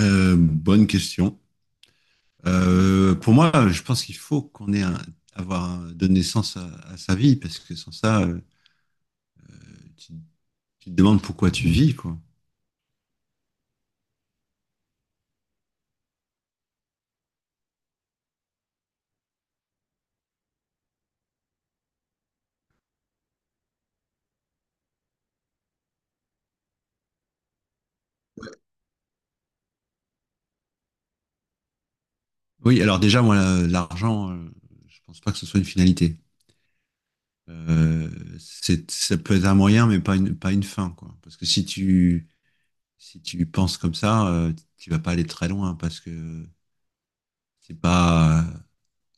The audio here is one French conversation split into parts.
Bonne question. Pour moi, je pense qu'il faut qu'on ait un, donne naissance à sa vie parce que sans ça, tu, tu te demandes pourquoi tu vis, quoi. Oui, alors déjà, moi, l'argent, je pense pas que ce soit une finalité. Euh, c'est, ça peut être un moyen, mais pas une, pas une fin, quoi. Parce que si tu, si tu penses comme ça, tu vas pas aller très loin parce que c'est pas,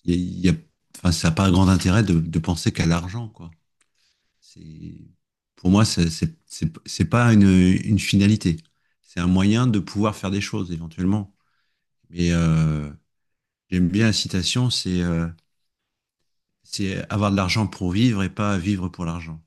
il y a, enfin, ça n'a pas grand intérêt de penser qu'à l'argent, quoi. C'est- Pour moi, c'est pas une, une finalité. C'est un moyen de pouvoir faire des choses éventuellement. Mais j'aime bien la citation, c'est avoir de l'argent pour vivre et pas vivre pour l'argent.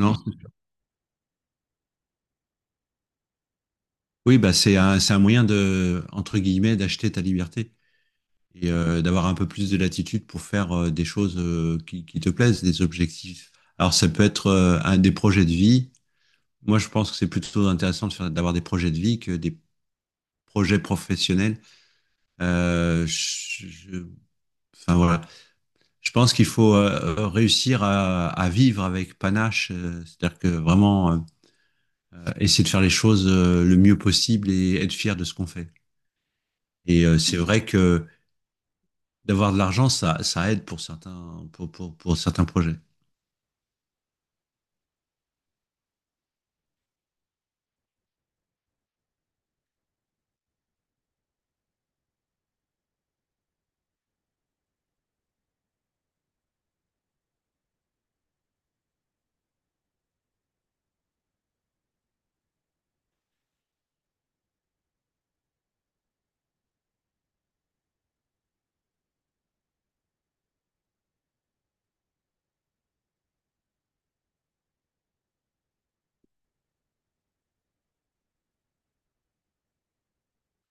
Non? Oui, bah c'est un moyen de, entre guillemets, d'acheter ta liberté. Et d'avoir un peu plus de latitude pour faire des choses qui te plaisent, des objectifs. Alors ça peut être un des projets de vie. Moi, je pense que c'est plutôt intéressant de d'avoir des projets de vie que des projets professionnels. Euh, je- je- enfin voilà, je pense qu'il faut réussir à vivre avec panache, c'est-à-dire que vraiment essayer de faire les choses le mieux possible et être fier de ce qu'on fait. Et c'est vrai que d'avoir de l'argent, ça aide pour certains projets.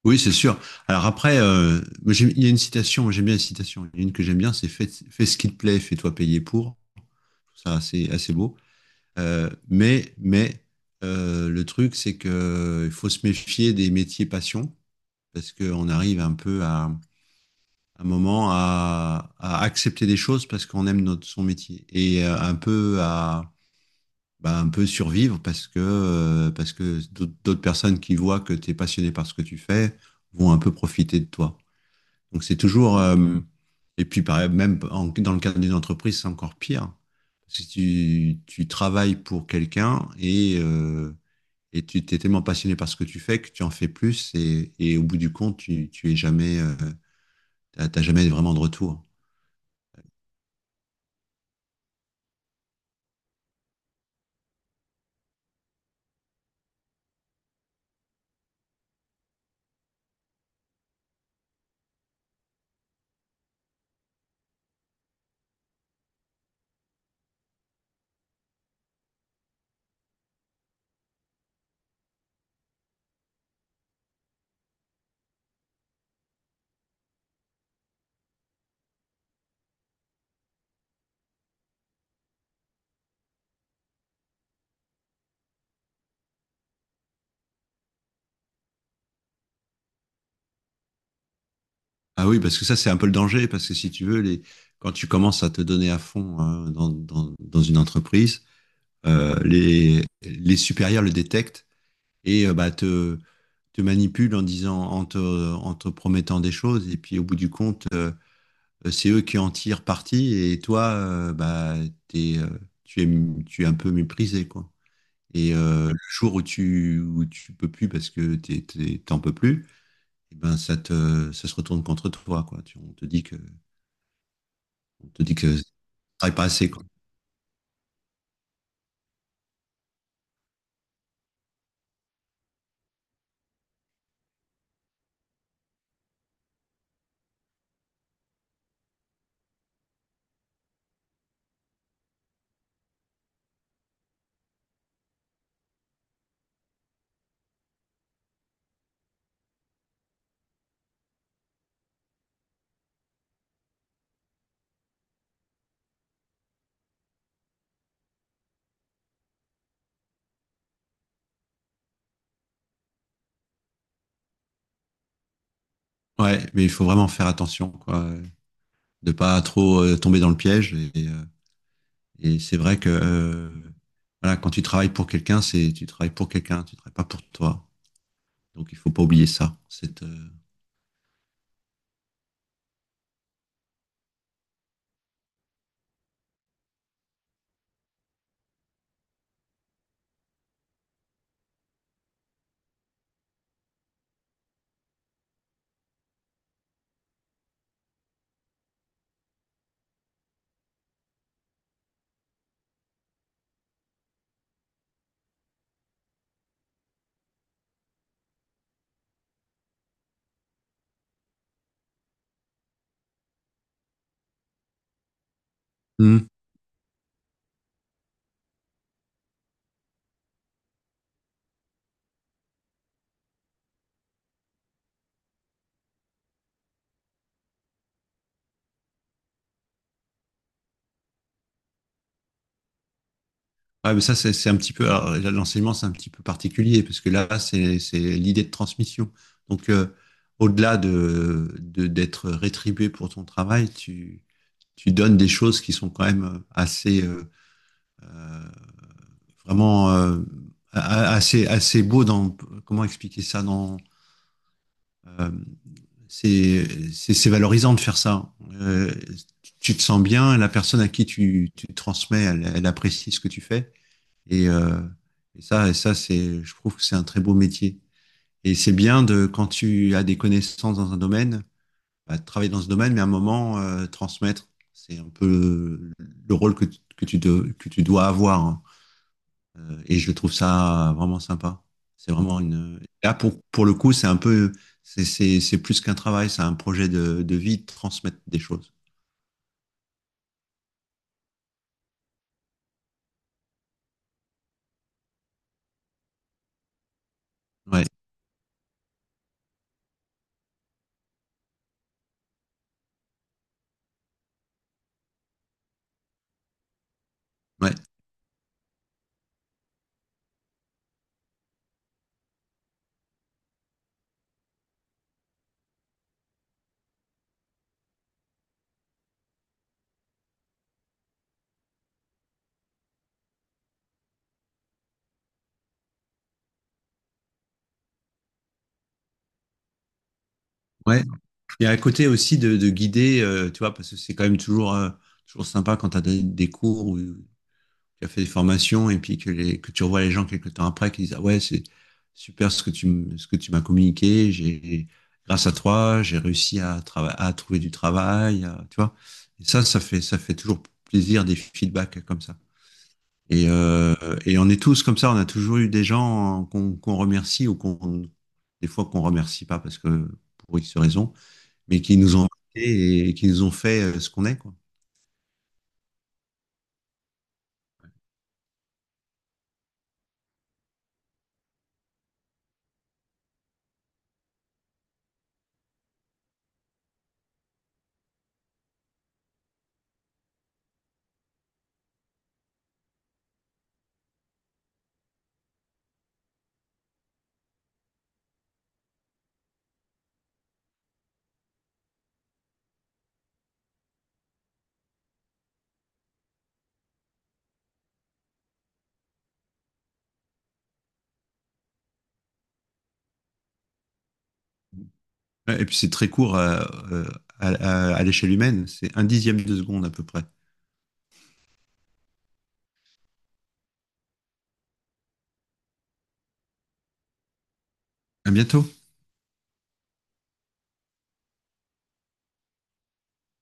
Oui, c'est sûr. Alors après, moi, il y a une citation, moi, j'aime bien la citation. Il y a une que j'aime bien, c'est fais, fais ce qui te plaît, fais-toi payer pour. Ça, assez, assez beau. Mais le truc, c'est que il faut se méfier des métiers passion parce qu'on arrive un peu à, un moment à accepter des choses parce qu'on aime notre, son métier et un peu à, bah, un peu survivre parce que d'autres personnes qui voient que tu es passionné par ce que tu fais vont un peu profiter de toi. Donc c'est toujours. Et puis pareil, même dans le cadre d'une entreprise, c'est encore pire. Parce que tu travailles pour quelqu'un et tu t'es tellement passionné par ce que tu fais que tu en fais plus et au bout du compte, tu es jamais, t'as jamais vraiment de retour. Ah oui, parce que ça, c'est un peu le danger, parce que si tu veux, les, quand tu commences à te donner à fond hein, dans une entreprise, les supérieurs le détectent et bah, te manipulent en disant, en te promettant des choses. Et puis au bout du compte, c'est eux qui en tirent parti et toi, bah, t'es, euh, tu es un peu méprisé, quoi. Et le jour où tu peux plus parce que t'en peux plus, eh ben ça te, ça se retourne contre toi, quoi. On te on te dit que tu travailles pas assez, quoi. Ouais, mais il faut vraiment faire attention, quoi, de pas trop tomber dans le piège et. Et c'est vrai que voilà, quand tu travailles pour quelqu'un, c'est tu travailles pour quelqu'un, tu travailles pas pour toi. Donc il faut pas oublier ça. Mhm. Ouais, mais ça, c'est un petit peu. Alors, là, l'enseignement, c'est un petit peu particulier, parce que là, c'est l'idée de transmission. Donc, au-delà de d'être rétribué pour ton travail, tu donnes des choses qui sont quand même assez. Euh, Vraiment. A- Assez, assez beau dans. Comment expliquer ça dans. euh, c'est valorisant de faire ça. Tu te sens bien, la personne à qui tu, tu transmets, elle, elle, apprécie ce que tu fais. Et, euh, et ça, et ça c'est, je trouve que c'est un très beau métier. Et c'est bien de quand tu as des connaissances dans un domaine, bah, travailler dans ce domaine, mais à un moment transmettre, c'est un peu le rôle que tu, de, que tu dois avoir. Hein. Et je trouve ça vraiment sympa. C'est vraiment une. Là, pour le coup, c'est un peu. C'est plus qu'un travail, c'est un projet de vie, de transmettre des choses. Ouais, ouais, ouais. Il y a un côté aussi de guider, tu vois, parce que c'est quand même toujours, toujours sympa quand tu as des cours où tu as fait des formations et puis que, les, que tu revois les gens quelques temps après qui disent ah ouais c'est super ce que tu ce que tu m'as communiqué j'ai grâce à toi j'ai réussi à à trouver du travail tu vois et ça ça fait toujours plaisir des feedbacks comme ça et. Et on est tous comme ça on a toujours eu des gens qu'on qu'on remercie ou qu'on des fois qu'on remercie pas parce que pour X raison mais qui nous ont marqué et qui nous ont fait ce qu'on est quoi. Ouais, et puis c'est très court à, euh, à l'échelle humaine, c'est un dixième de seconde à peu près. À bientôt.